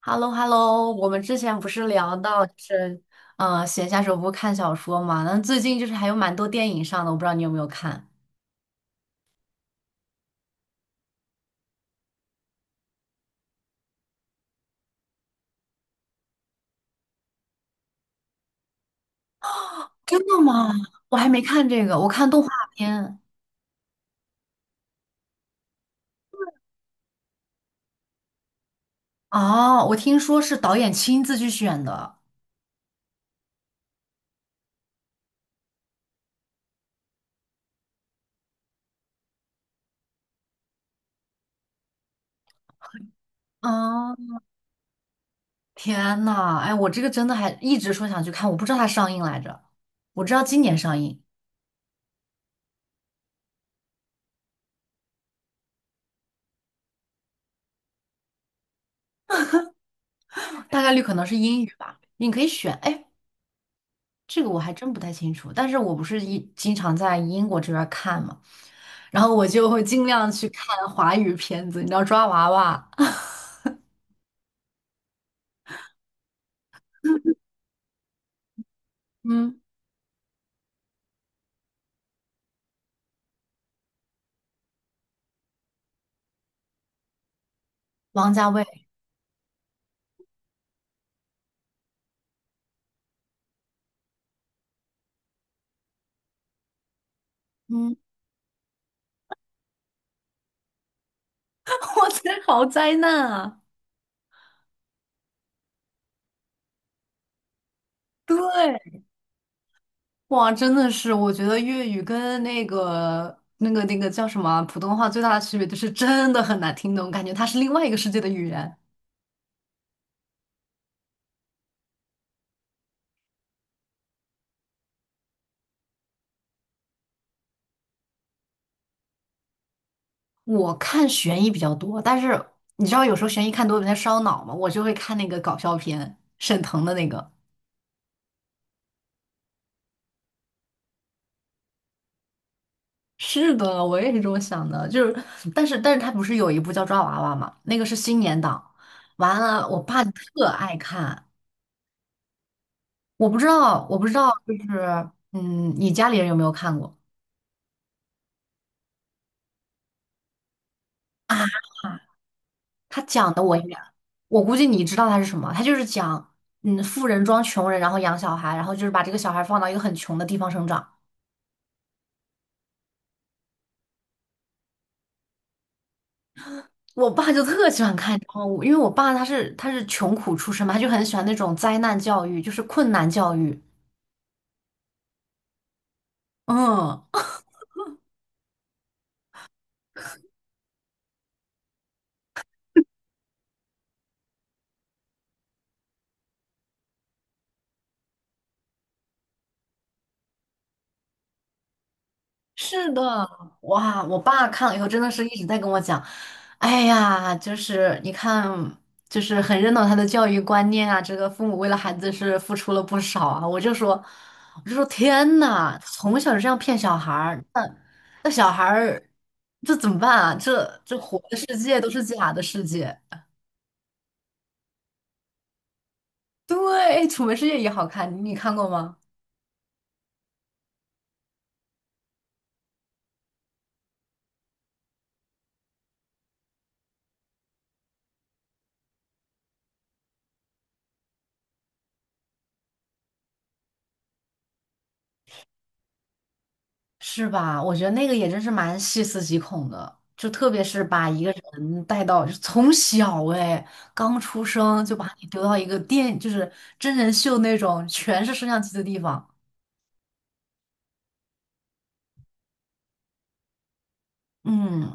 h e l l o h e l l o 我们之前不是聊到就是，闲暇时候不是看小说嘛？那最近就是还有蛮多电影上的，我不知道你有没有看？真的吗？我还没看这个，我看动画片。哦，我听说是导演亲自去选的。啊，天呐，哎，我这个真的还一直说想去看，我不知道它上映来着，我知道今年上映，大概率可能是英语吧。你可以选，哎，这个我还真不太清楚，但是我不是一经常在英国这边儿看嘛，然后我就会尽量去看华语片子，你知道抓娃娃，嗯王家卫，嗯，哇塞，好灾难啊！对，哇，真的是，我觉得粤语跟那个叫什么啊普通话最大的区别就是真的很难听懂，感觉它是另外一个世界的语言。我看悬疑比较多，但是你知道有时候悬疑看多了有点烧脑嘛，我就会看那个搞笑片，沈腾的那个。是的，我也是这么想的，就是，但是他不是有一部叫《抓娃娃》嘛，那个是新年档，完了，我爸特爱看，我不知道，就是，嗯，你家里人有没有看过啊？他讲的我也，我估计你知道他是什么，他就是讲，嗯，富人装穷人，然后养小孩，然后就是把这个小孩放到一个很穷的地方生长。我爸就特喜欢看，然后因为我爸他是穷苦出身嘛，他就很喜欢那种灾难教育，就是困难教育，嗯。是的，哇！我爸看了以后，真的是一直在跟我讲，哎呀，就是你看，就是很认同他的教育观念啊，这个父母为了孩子是付出了不少啊。我就说天呐，从小就这样骗小孩儿，那小孩儿这怎么办啊？这活的世界都是假的世界。对，哎《楚门世界》也好看，你看过吗？是吧？我觉得那个也真是蛮细思极恐的，就特别是把一个人带到，就从小哎，刚出生就把你丢到一个电，就是真人秀那种全是摄像机的地方。嗯，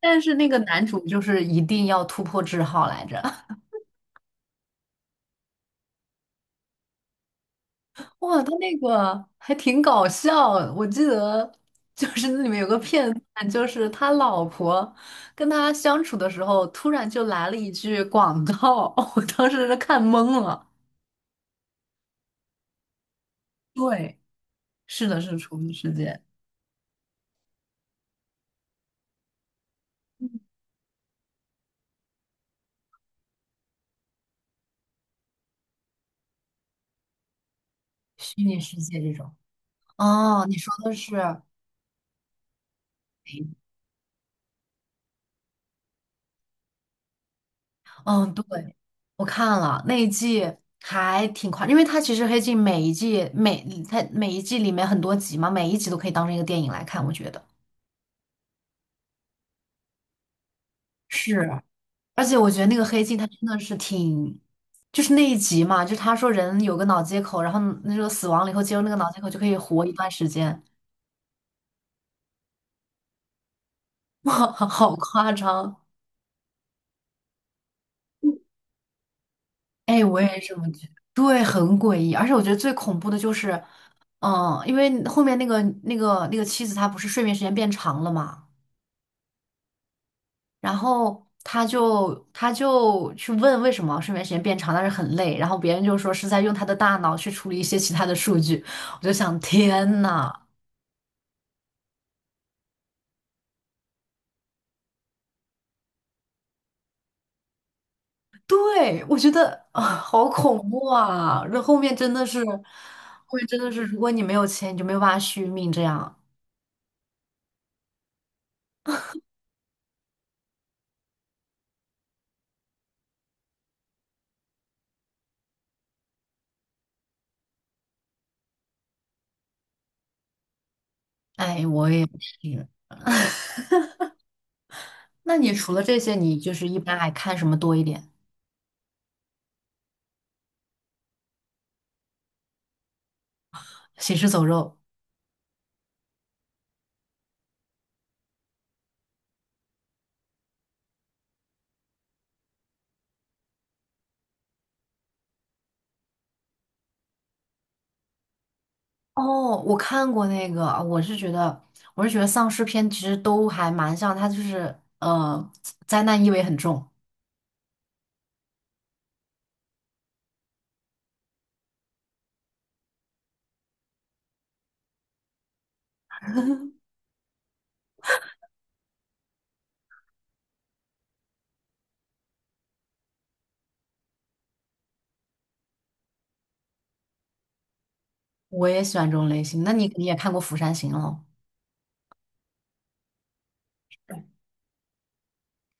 但是那个男主就是一定要突破桎梏来着。哇，他那个还挺搞笑，我记得就是那里面有个片段，就是他老婆跟他相处的时候，突然就来了一句广告，我当时是看懵了。对。是的，是重置世界。虚拟世界这种。哦，你说的是，嗯，对，我看了那一季还挺快，因为它其实《黑镜》每一季每它每一季里面很多集嘛，每一集都可以当成一个电影来看，我觉得。是，而且我觉得那个《黑镜》它真的是挺，就是那一集嘛，就是他说人有个脑接口，然后那个死亡了以后接入那个脑接口就可以活一段时间，哇，好夸张！哎，我也是这么觉得，对，很诡异，而且我觉得最恐怖的就是，嗯，因为后面那个妻子她不是睡眠时间变长了嘛，然后她就去问为什么睡眠时间变长，但是很累，然后别人就说是在用她的大脑去处理一些其他的数据，我就想天呐，对，我觉得啊，好恐怖啊，这后面真的是，后面真的是，如果你没有钱，你就没有办法续命，这样，哎，我也是。那你除了这些，你就是一般还看什么多一点？行尸走肉。哦，我看过那个，我是觉得丧尸片其实都还蛮像，它就是灾难意味很重。我也喜欢这种类型。那你也看过《釜山行》喽，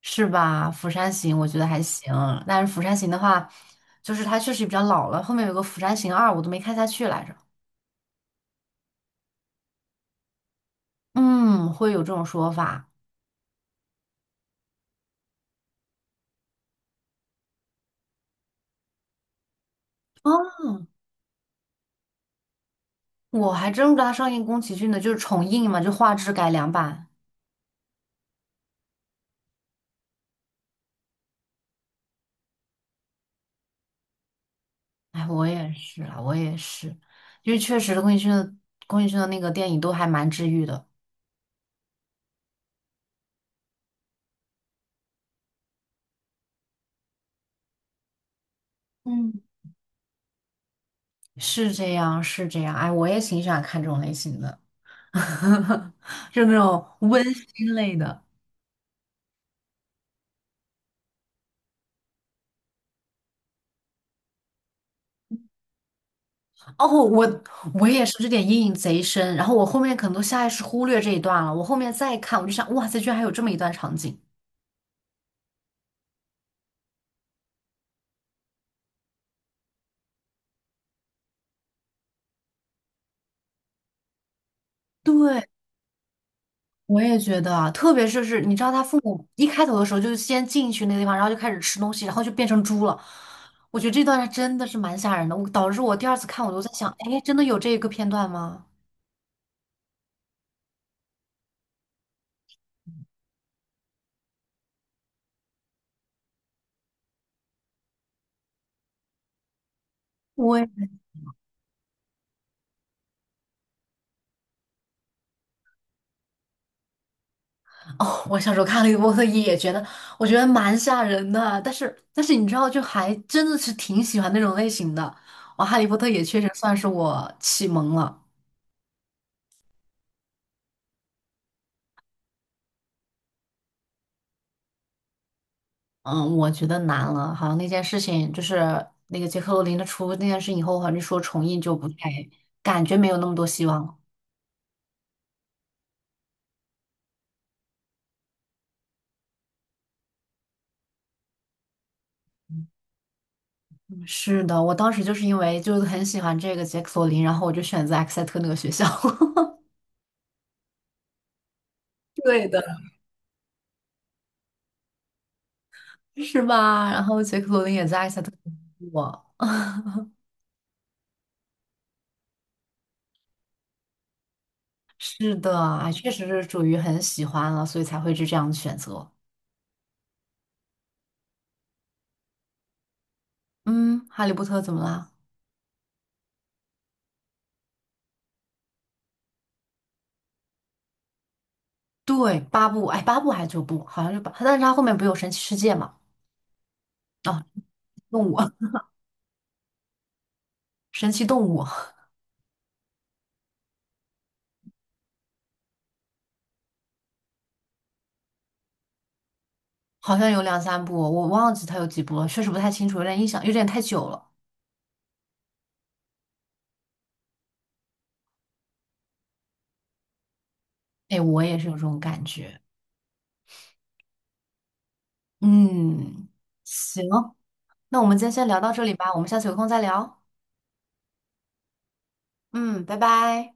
是吧？《釜山行》我觉得还行，但是《釜山行》的话，就是它确实比较老了。后面有个《釜山行二》，我都没看下去来着。嗯，会有这种说法。啊，我还真不知道它上映宫崎骏的，就是重映嘛，就画质改良版。哎，我也是，因为确实宫崎骏的那个电影都还蛮治愈的，嗯，是这样。哎，我也挺喜欢看这种类型的，就那种温馨类的。哦，我我也是，这点阴影贼深。然后我后面可能都下意识忽略这一段了，我后面再看，我就想，哇塞，居然还有这么一段场景。对，我也觉得啊，特别是，你知道他父母一开头的时候就先进去那个地方，然后就开始吃东西，然后就变成猪了。我觉得这段还真的是蛮吓人的，我导致我第二次看我都在想，哎，真的有这个片段吗？我也哦，我小时候看《哈利波特》也觉得，我觉得蛮吓人的，但是你知道，就还真的是挺喜欢那种类型的。我《哈利波特》也确实算是我启蒙了。嗯，我觉得难了，好像那件事情就是那个杰克罗林的出那件事以后，好像说重映就不太，感觉没有那么多希望了。嗯是的，我当时就是因为很喜欢这个杰克罗林，然后我就选择埃克塞特那个学校，对的，是吧？然后杰克罗林也在埃克塞特读书我 是的，哎确实是属于很喜欢了，所以才会是这样的选择。嗯，哈利波特怎么啦？对，八部，哎，八部还是九部？好像是八，但是他后面不有神奇世界嘛？啊，动物。神奇动物》好像有两三部，我忘记它有几部了，确实不太清楚，有点印象，有点太久了。哎，我也是有这种感觉。嗯，行，那我们今天先聊到这里吧，我们下次有空再聊。嗯，拜拜。